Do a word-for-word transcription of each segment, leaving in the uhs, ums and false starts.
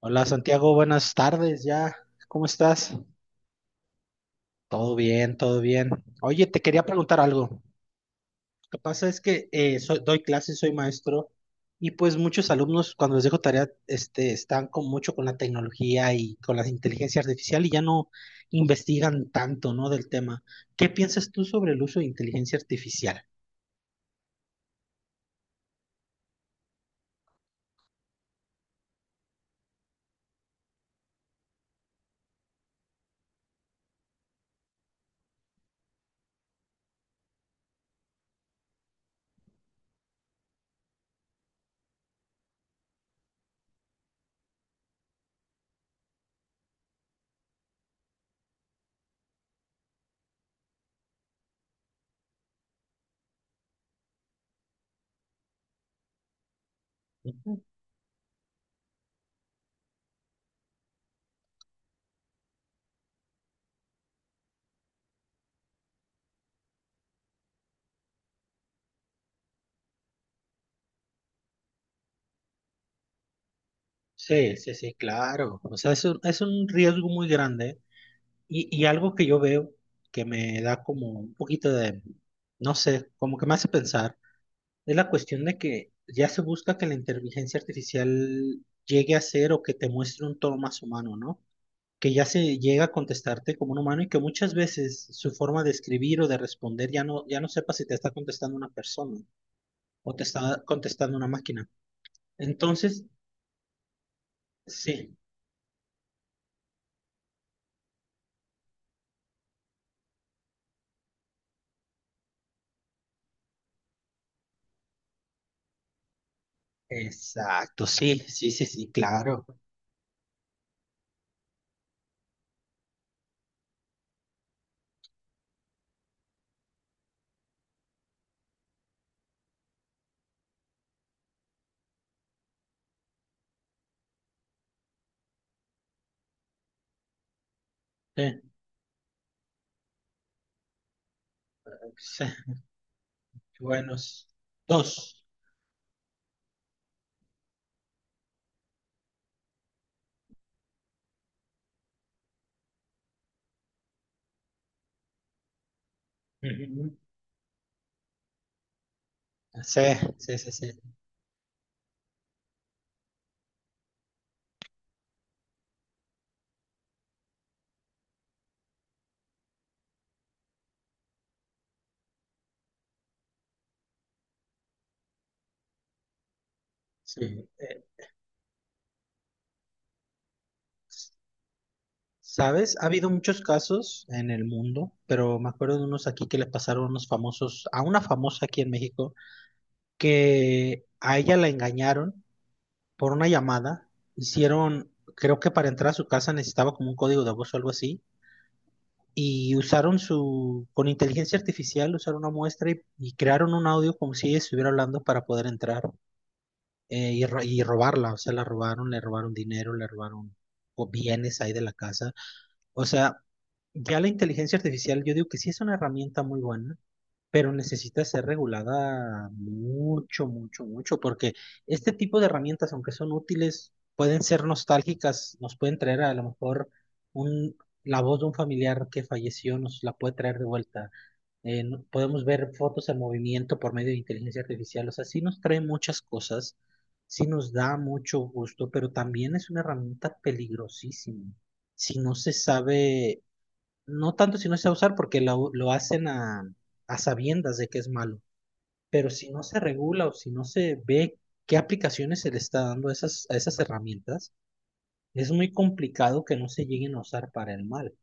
Hola Santiago, buenas tardes ya. ¿Cómo estás? Todo bien, todo bien. Oye, te quería preguntar algo. Lo que pasa es que eh, soy- doy clases, soy maestro y pues muchos alumnos cuando les dejo tarea este, están con mucho con la tecnología y con la inteligencia artificial y ya no investigan tanto, ¿no?, del tema. ¿Qué piensas tú sobre el uso de inteligencia artificial? Ujú. Sí, sí, sí, claro. O sea, es un, es un riesgo muy grande y, y algo que yo veo que me da como un poquito de, no sé, como que me hace pensar, es la cuestión de que ya se busca que la inteligencia artificial llegue a ser o que te muestre un tono más humano, ¿no? Que ya se llega a contestarte como un humano y que muchas veces su forma de escribir o de responder ya no, ya no sepa si te está contestando una persona o te está contestando una máquina. Entonces, sí, exacto, sí, sí, sí, sí, claro. Sí, sí, buenos. Dos. Ujú. Sí, sí, sí, sí. Sí. Eh, ¿sabes? Ha habido muchos casos en el mundo, pero me acuerdo de unos aquí que le pasaron a unos famosos, a una famosa aquí en México, que a ella la engañaron por una llamada. Hicieron, creo que para entrar a su casa necesitaba como un código de voz o algo así. Y usaron su, con inteligencia artificial, usaron una muestra y, y crearon un audio como si ella estuviera hablando para poder entrar eh, y, ro- y robarla. O sea, la robaron, le robaron dinero, le robaron o bienes ahí de la casa. O sea, ya la inteligencia artificial, yo digo que sí es una herramienta muy buena, pero necesita ser regulada mucho, mucho, mucho, porque este tipo de herramientas, aunque son útiles, pueden ser nostálgicas, nos pueden traer a lo mejor un, la voz de un familiar que falleció, nos la puede traer de vuelta. Eh, no- podemos ver fotos en movimiento por medio de inteligencia artificial. O sea, sí nos trae muchas cosas, sí nos da mucho gusto, pero también es una herramienta peligrosísima si no se sabe, no tanto si no se va a usar porque lo, lo hacen a, a sabiendas de que es malo, pero si no se regula o si no se ve qué aplicaciones se le está dando a esas, a esas herramientas, es muy complicado que no se lleguen a usar para el mal.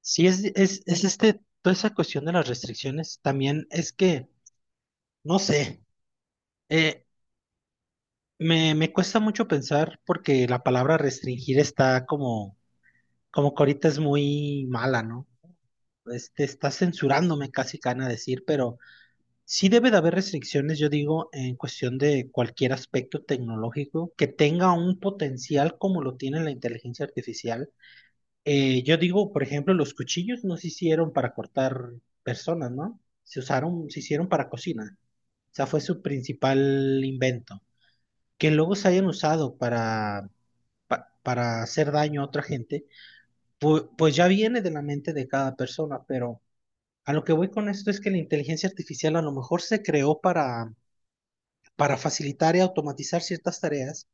Sí, es, es, es este, toda esa cuestión de las restricciones, también es que, no sé, eh, me, me cuesta mucho pensar porque la palabra restringir está como, como que ahorita es muy mala, ¿no? Este, está censurándome casi, Cana, decir, pero sí debe de haber restricciones, yo digo, en cuestión de cualquier aspecto tecnológico que tenga un potencial como lo tiene la inteligencia artificial. Eh, yo digo, por ejemplo, los cuchillos no se hicieron para cortar personas, ¿no? Se usaron, se hicieron para cocina. O sea, fue su principal invento. Que luego se hayan usado para, pa- para hacer daño a otra gente, pu- pues ya viene de la mente de cada persona, pero a lo que voy con esto es que la inteligencia artificial a lo mejor se creó para para facilitar y automatizar ciertas tareas,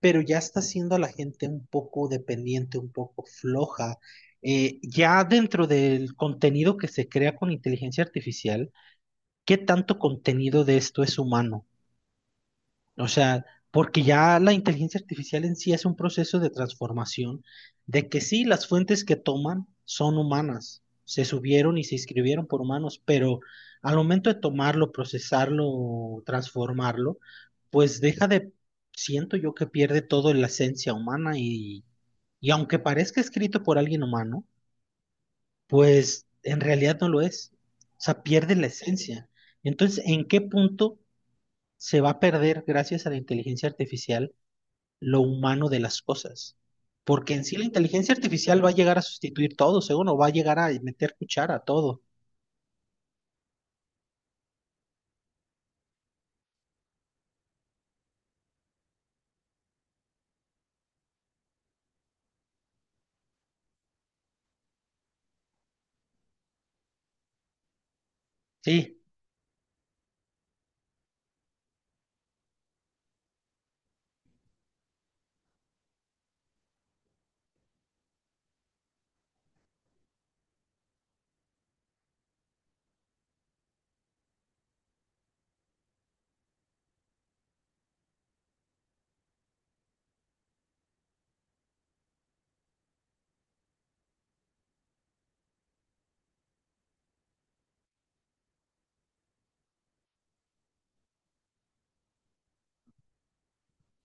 pero ya está haciendo a la gente un poco dependiente, un poco floja. Eh, ya dentro del contenido que se crea con inteligencia artificial, ¿qué tanto contenido de esto es humano? O sea, porque ya la inteligencia artificial en sí es un proceso de transformación, de que sí, las fuentes que toman son humanas, se subieron y se escribieron por humanos, pero al momento de tomarlo, procesarlo, transformarlo, pues deja de, siento yo que pierde todo la esencia humana y, y aunque parezca escrito por alguien humano, pues en realidad no lo es, o sea, pierde la esencia. Entonces, ¿en qué punto se va a perder gracias a la inteligencia artificial lo humano de las cosas? Porque en sí la inteligencia artificial va a llegar a sustituir todo, según, o va a llegar a meter cuchara a todo. Sí,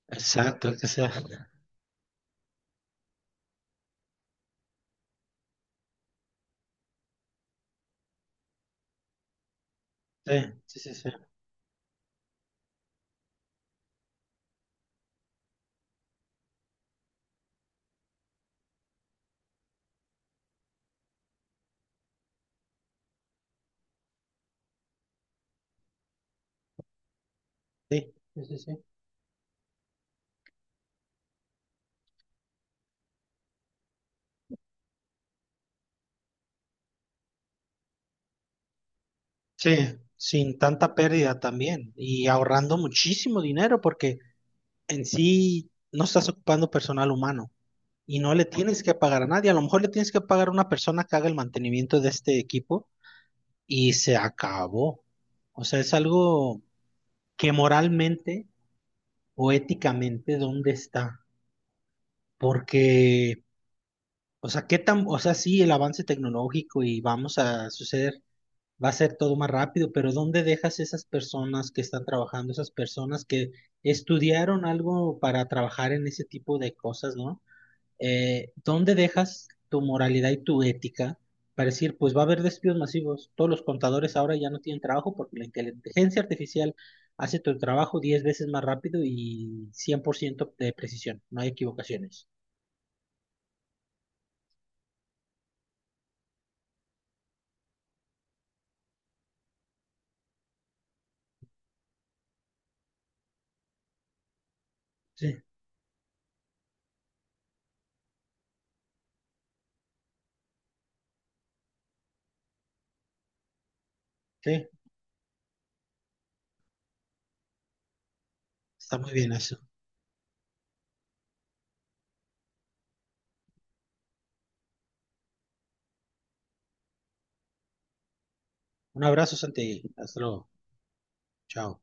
exacto, que sea. Sí, sí, sí, sí, sí, sí, sí, sí. Sí, sin tanta pérdida también y ahorrando muchísimo dinero porque en sí no estás ocupando personal humano y no le tienes que pagar a nadie. A lo mejor le tienes que pagar a una persona que haga el mantenimiento de este equipo y se acabó. O sea, es algo que moralmente o éticamente, ¿dónde está? Porque, o sea, qué tan, o sea, sí, el avance tecnológico y vamos a suceder, va a ser todo más rápido, pero ¿dónde dejas esas personas que están trabajando, esas personas que estudiaron algo para trabajar en ese tipo de cosas, ¿no? eh, ¿dónde dejas tu moralidad y tu ética para decir, pues va a haber despidos masivos? Todos los contadores ahora ya no tienen trabajo porque la inteligencia artificial hace tu trabajo diez veces más rápido y cien por ciento de precisión, no hay equivocaciones. Sí. Sí, está muy bien eso. Un abrazo, Santi. Hasta luego. Chao.